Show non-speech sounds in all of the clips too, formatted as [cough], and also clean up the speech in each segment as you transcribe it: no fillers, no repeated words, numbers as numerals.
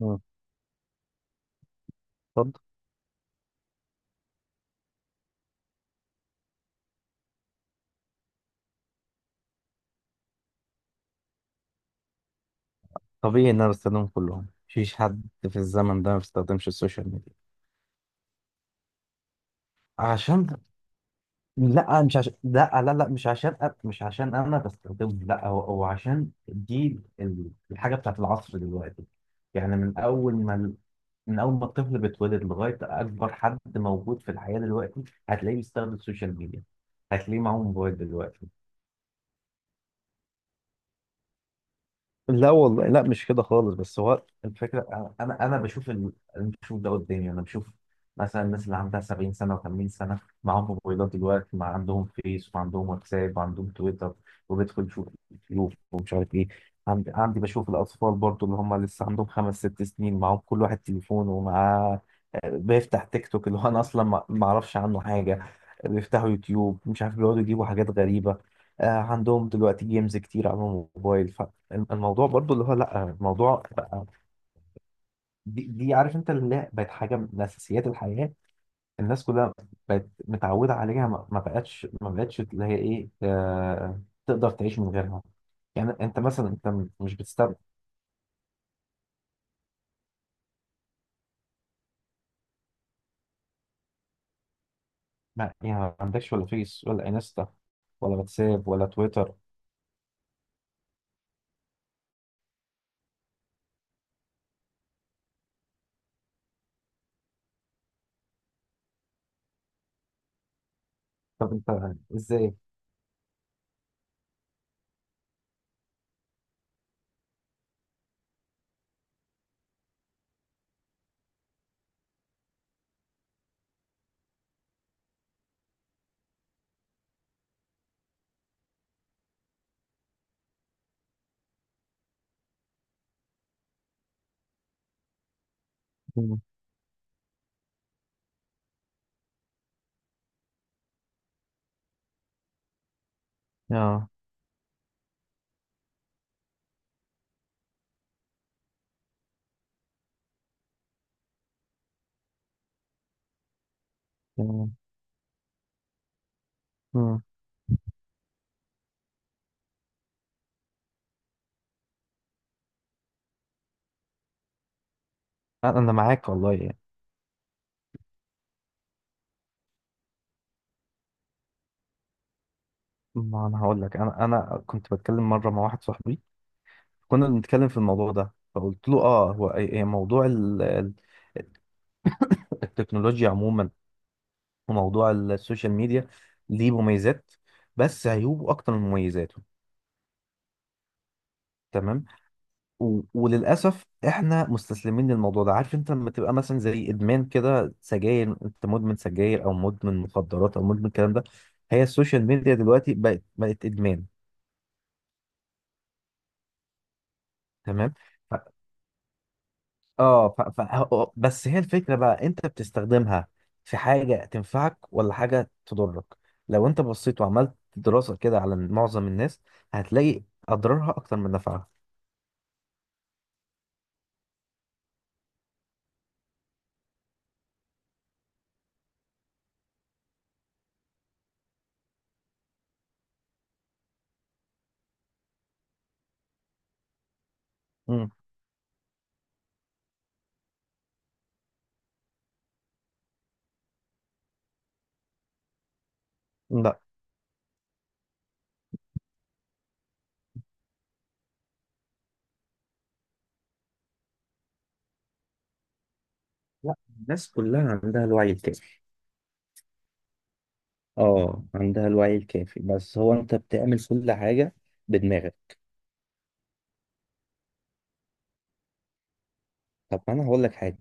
مم. اتفضل. طبيعي ان انا بستخدمهم كلهم، مفيش حد في الزمن ده ما بيستخدمش السوشيال ميديا. عشان لا مش عشان لا لا لا مش عشان أ... مش عشان انا بستخدمه، لا، هو عشان دي الحاجه بتاعت العصر دلوقتي. يعني من اول ما الطفل بيتولد لغايه اكبر حد موجود في الحياه دلوقتي هتلاقيه بيستخدم السوشيال ميديا، هتلاقيه معاه موبايل دلوقتي. لا والله، لا مش كده خالص، بس هو الفكره انا انا أنا انا بشوف ده قدامي. انا بشوف مثلا الناس اللي عندها 70 سنه و80 سنه معاهم موبايلات دلوقتي، ما عندهم فيس وعندهم واتساب وعندهم تويتر وبيدخل يشوف يوتيوب ومش عارف ايه. عندي بشوف الاطفال برضو اللي هم لسه عندهم خمس ست سنين، معاهم كل واحد تليفون ومعاه، بيفتح تيك توك اللي هو انا اصلا ما اعرفش عنه حاجه، بيفتحوا يوتيوب مش عارف بيقعدوا يجيبوا حاجات غريبه. عندهم دلوقتي جيمز كتير على الموبايل. الموضوع برضو اللي هو لا، الموضوع بقى دي عارف انت اللي هي بقت حاجه من اساسيات الحياه، الناس كلها بقت متعوده عليها، ما بقتش اللي هي ايه، آه، تقدر تعيش من غيرها. يعني انت مثلا انت مش بتستخدم؟ يعني ما عندكش ولا فيس ولا انستا ولا واتساب ولا تويتر؟ طب انت ازاي؟ مم. اه. تمام. مم. أنا معاك والله يعني. ما انا هقول لك، انا كنت بتكلم مره مع واحد صاحبي، كنا بنتكلم في الموضوع ده فقلت له اه، هو أي موضوع التكنولوجيا عموما وموضوع السوشيال ميديا ليه مميزات بس عيوبه اكتر من مميزاته. تمام. وللاسف احنا مستسلمين للموضوع ده. عارف انت لما تبقى مثلا زي ادمان كده سجاير، انت مدمن سجاير او مدمن مخدرات او مدمن الكلام ده، هي السوشيال ميديا دلوقتي بقت ادمان. تمام. بس هي الفكرة بقى، انت بتستخدمها في حاجة تنفعك ولا حاجة تضرك؟ لو انت بصيت وعملت دراسة كده على معظم الناس، هتلاقي اضرارها اكتر من نفعها. مم. لا. لا، الناس كلها عندها الوعي الكافي. اه، عندها الوعي الكافي، بس هو انت بتعمل كل حاجه بدماغك. طب ما انا هقول لك حاجه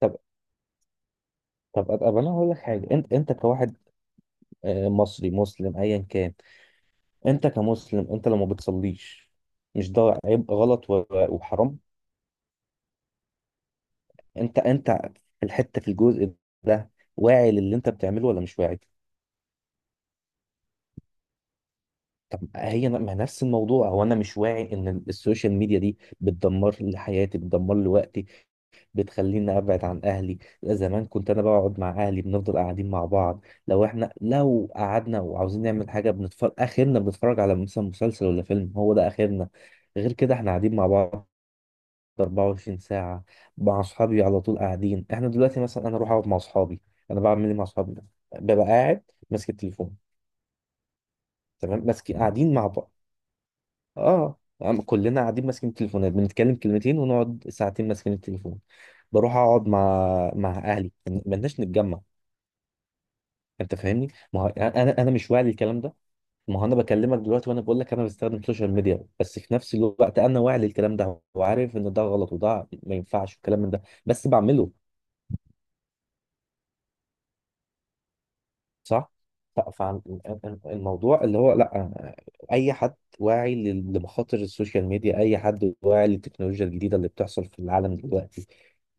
طب طب طب انا هقول لك حاجه. انت انت كواحد، مصري مسلم ايا كان، انت كمسلم، انت لما بتصليش مش ده عيب، غلط وحرام؟ انت انت في الحته، في الجزء ده، واعي للي انت بتعمله ولا مش واعي؟ طب هي ما نفس الموضوع. هو انا مش واعي ان السوشيال ميديا دي بتدمر لي حياتي، بتدمر لي وقتي، بتخليني ابعد عن اهلي؟ زمان كنت انا بقعد مع اهلي، بنفضل قاعدين مع بعض، لو احنا لو قعدنا وعاوزين نعمل حاجه بنتفرج، اخرنا بنتفرج على مثلا مسلسل ولا فيلم، هو ده اخرنا، غير كده احنا قاعدين مع بعض 24 ساعة. مع أصحابي على طول قاعدين، إحنا دلوقتي مثلا أنا أروح أقعد مع أصحابي، أنا بعمل إيه مع أصحابي؟ ببقى قاعد ماسك التليفون. تمام، ماسك، قاعدين مع بعض، كلنا قاعدين ماسكين التليفونات، بنتكلم كلمتين ونقعد ساعتين ماسكين التليفون. بروح أقعد مع مع أهلي، مالناش نتجمع. أنت فاهمني؟ ما هو أنا مش واعي للكلام ده؟ ما هو أنا بكلمك دلوقتي وأنا بقول لك أنا بستخدم السوشيال ميديا، بس في نفس الوقت أنا واعي للكلام ده وعارف إن ده غلط وده ما ينفعش الكلام من ده، بس بعمله. صح. فالموضوع اللي هو لا، اي حد واعي لمخاطر السوشيال ميديا، اي حد واعي للتكنولوجيا الجديده اللي بتحصل في العالم دلوقتي،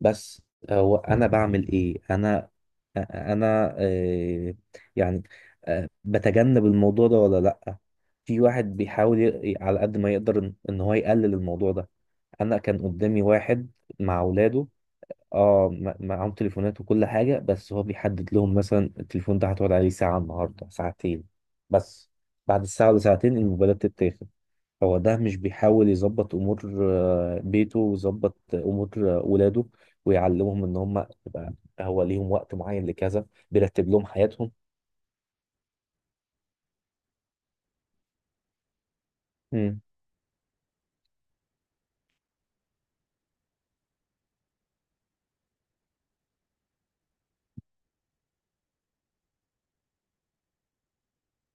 بس هو انا بعمل ايه؟ انا انا آه، يعني آه، بتجنب الموضوع ده ولا لا؟ في واحد بيحاول على قد ما يقدر ان إن هو يقلل الموضوع ده. انا كان قدامي واحد مع اولاده، اه، معاهم تليفونات وكل حاجة، بس هو بيحدد لهم مثلا التليفون ده هتقعد عليه ساعة النهاردة، ساعتين بس، بعد الساعة ولا ساعتين الموبايلات تتاخد. هو ده مش بيحاول يظبط أمور بيته ويظبط أمور ولاده ويعلمهم إن هم يبقى هو ليهم وقت معين لكذا، بيرتب لهم حياتهم. مم.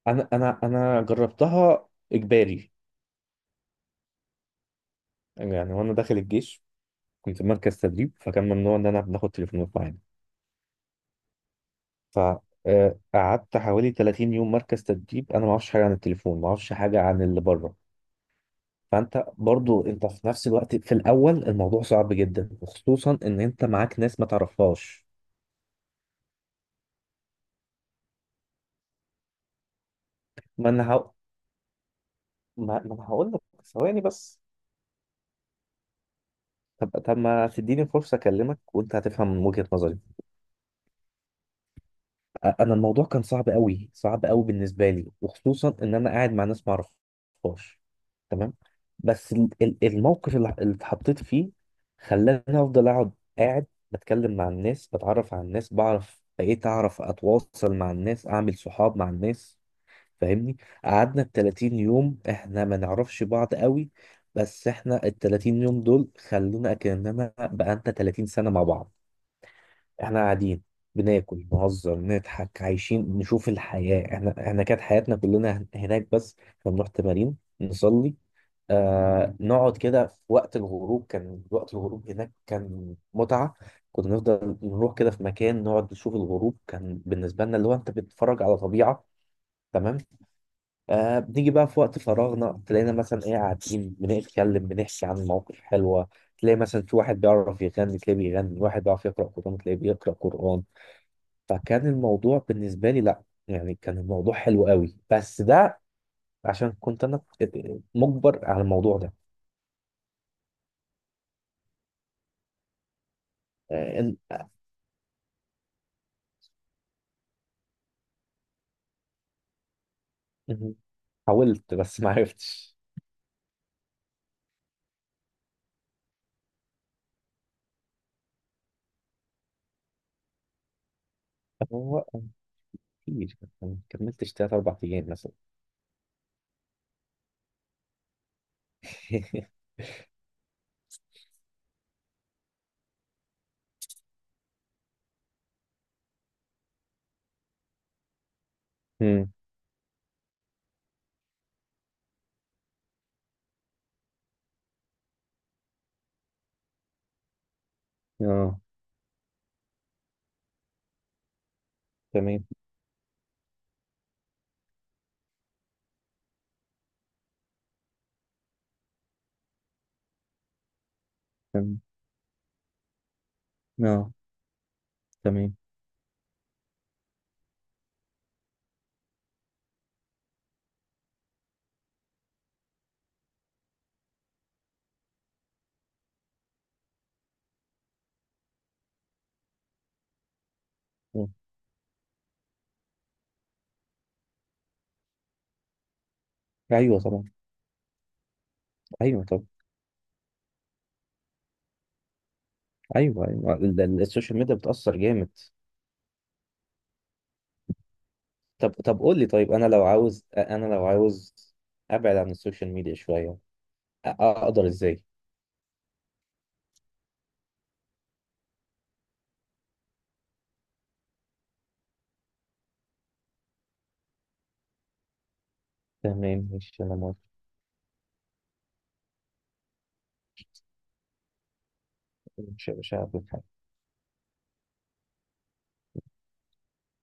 أنا جربتها إجباري، يعني وأنا داخل الجيش كنت في مركز تدريب، فكان ممنوع إن أنا بناخد تليفونات معانا، فقعدت حوالي 30 يوم مركز تدريب، انا ما اعرفش حاجه عن التليفون، ما اعرفش حاجه عن اللي بره. فانت برضو انت في نفس الوقت في الاول الموضوع صعب جدا، وخصوصا ان انت معاك ناس ما تعرفهاش. ما انا هق... ما انا هقول لك ثواني بس. طب ما تديني فرصه اكلمك وانت هتفهم وجهه نظري. انا الموضوع كان صعب قوي، صعب قوي بالنسبه لي، وخصوصا ان انا قاعد مع ناس ما اعرفهاش. تمام. بس الموقف اللي اتحطيت فيه خلاني افضل اقعد قاعد بتكلم مع الناس، بتعرف على الناس، بعرف بقيت اعرف اتواصل مع الناس، اعمل صحاب مع الناس، فاهمني؟ قعدنا ال 30 يوم احنا ما نعرفش بعض قوي، بس احنا ال 30 يوم دول خلونا كاننا بقى انت 30 سنه مع بعض. احنا قاعدين بناكل، نهزر، نضحك، عايشين، نشوف الحياة، احنا كانت حياتنا كلنا هناك، بس احنا بنروح تمارين، نصلي، نقعد كده في وقت الغروب، كان وقت الغروب هناك كان متعة، كنا نفضل نروح كده في مكان نقعد نشوف الغروب، كان بالنسبة لنا اللي هو انت بتتفرج على طبيعة. تمام. بنيجي بقى في وقت فراغنا، تلاقينا مثلا ايه، قاعدين بنتكلم، بنحكي عن مواقف حلوة، تلاقي مثلا في واحد بيعرف يغني تلاقيه بيغني، واحد بيعرف يقرأ قرآن تلاقيه بيقرأ قرآن. فكان الموضوع بالنسبة لي لا، يعني كان الموضوع حلو قوي، بس ده عشان كنت انا مجبر على الموضوع ده. آه، إن- حاولت بس ما عرفتش. هو كتير ما كملتش تلات اربع ايام مثلا. [laughs] مم. اه. تمام. تمام. اه. تمام. مم. ايوه طبعا. ايوه طبعا. ايوه، ايوه، السوشيال ميديا بتأثر جامد. طب قول لي طيب، انا لو عاوز ابعد عن السوشيال ميديا شوية، اقدر ازاي؟ تمام، ماشي، أنا موافق. مش هقابلك.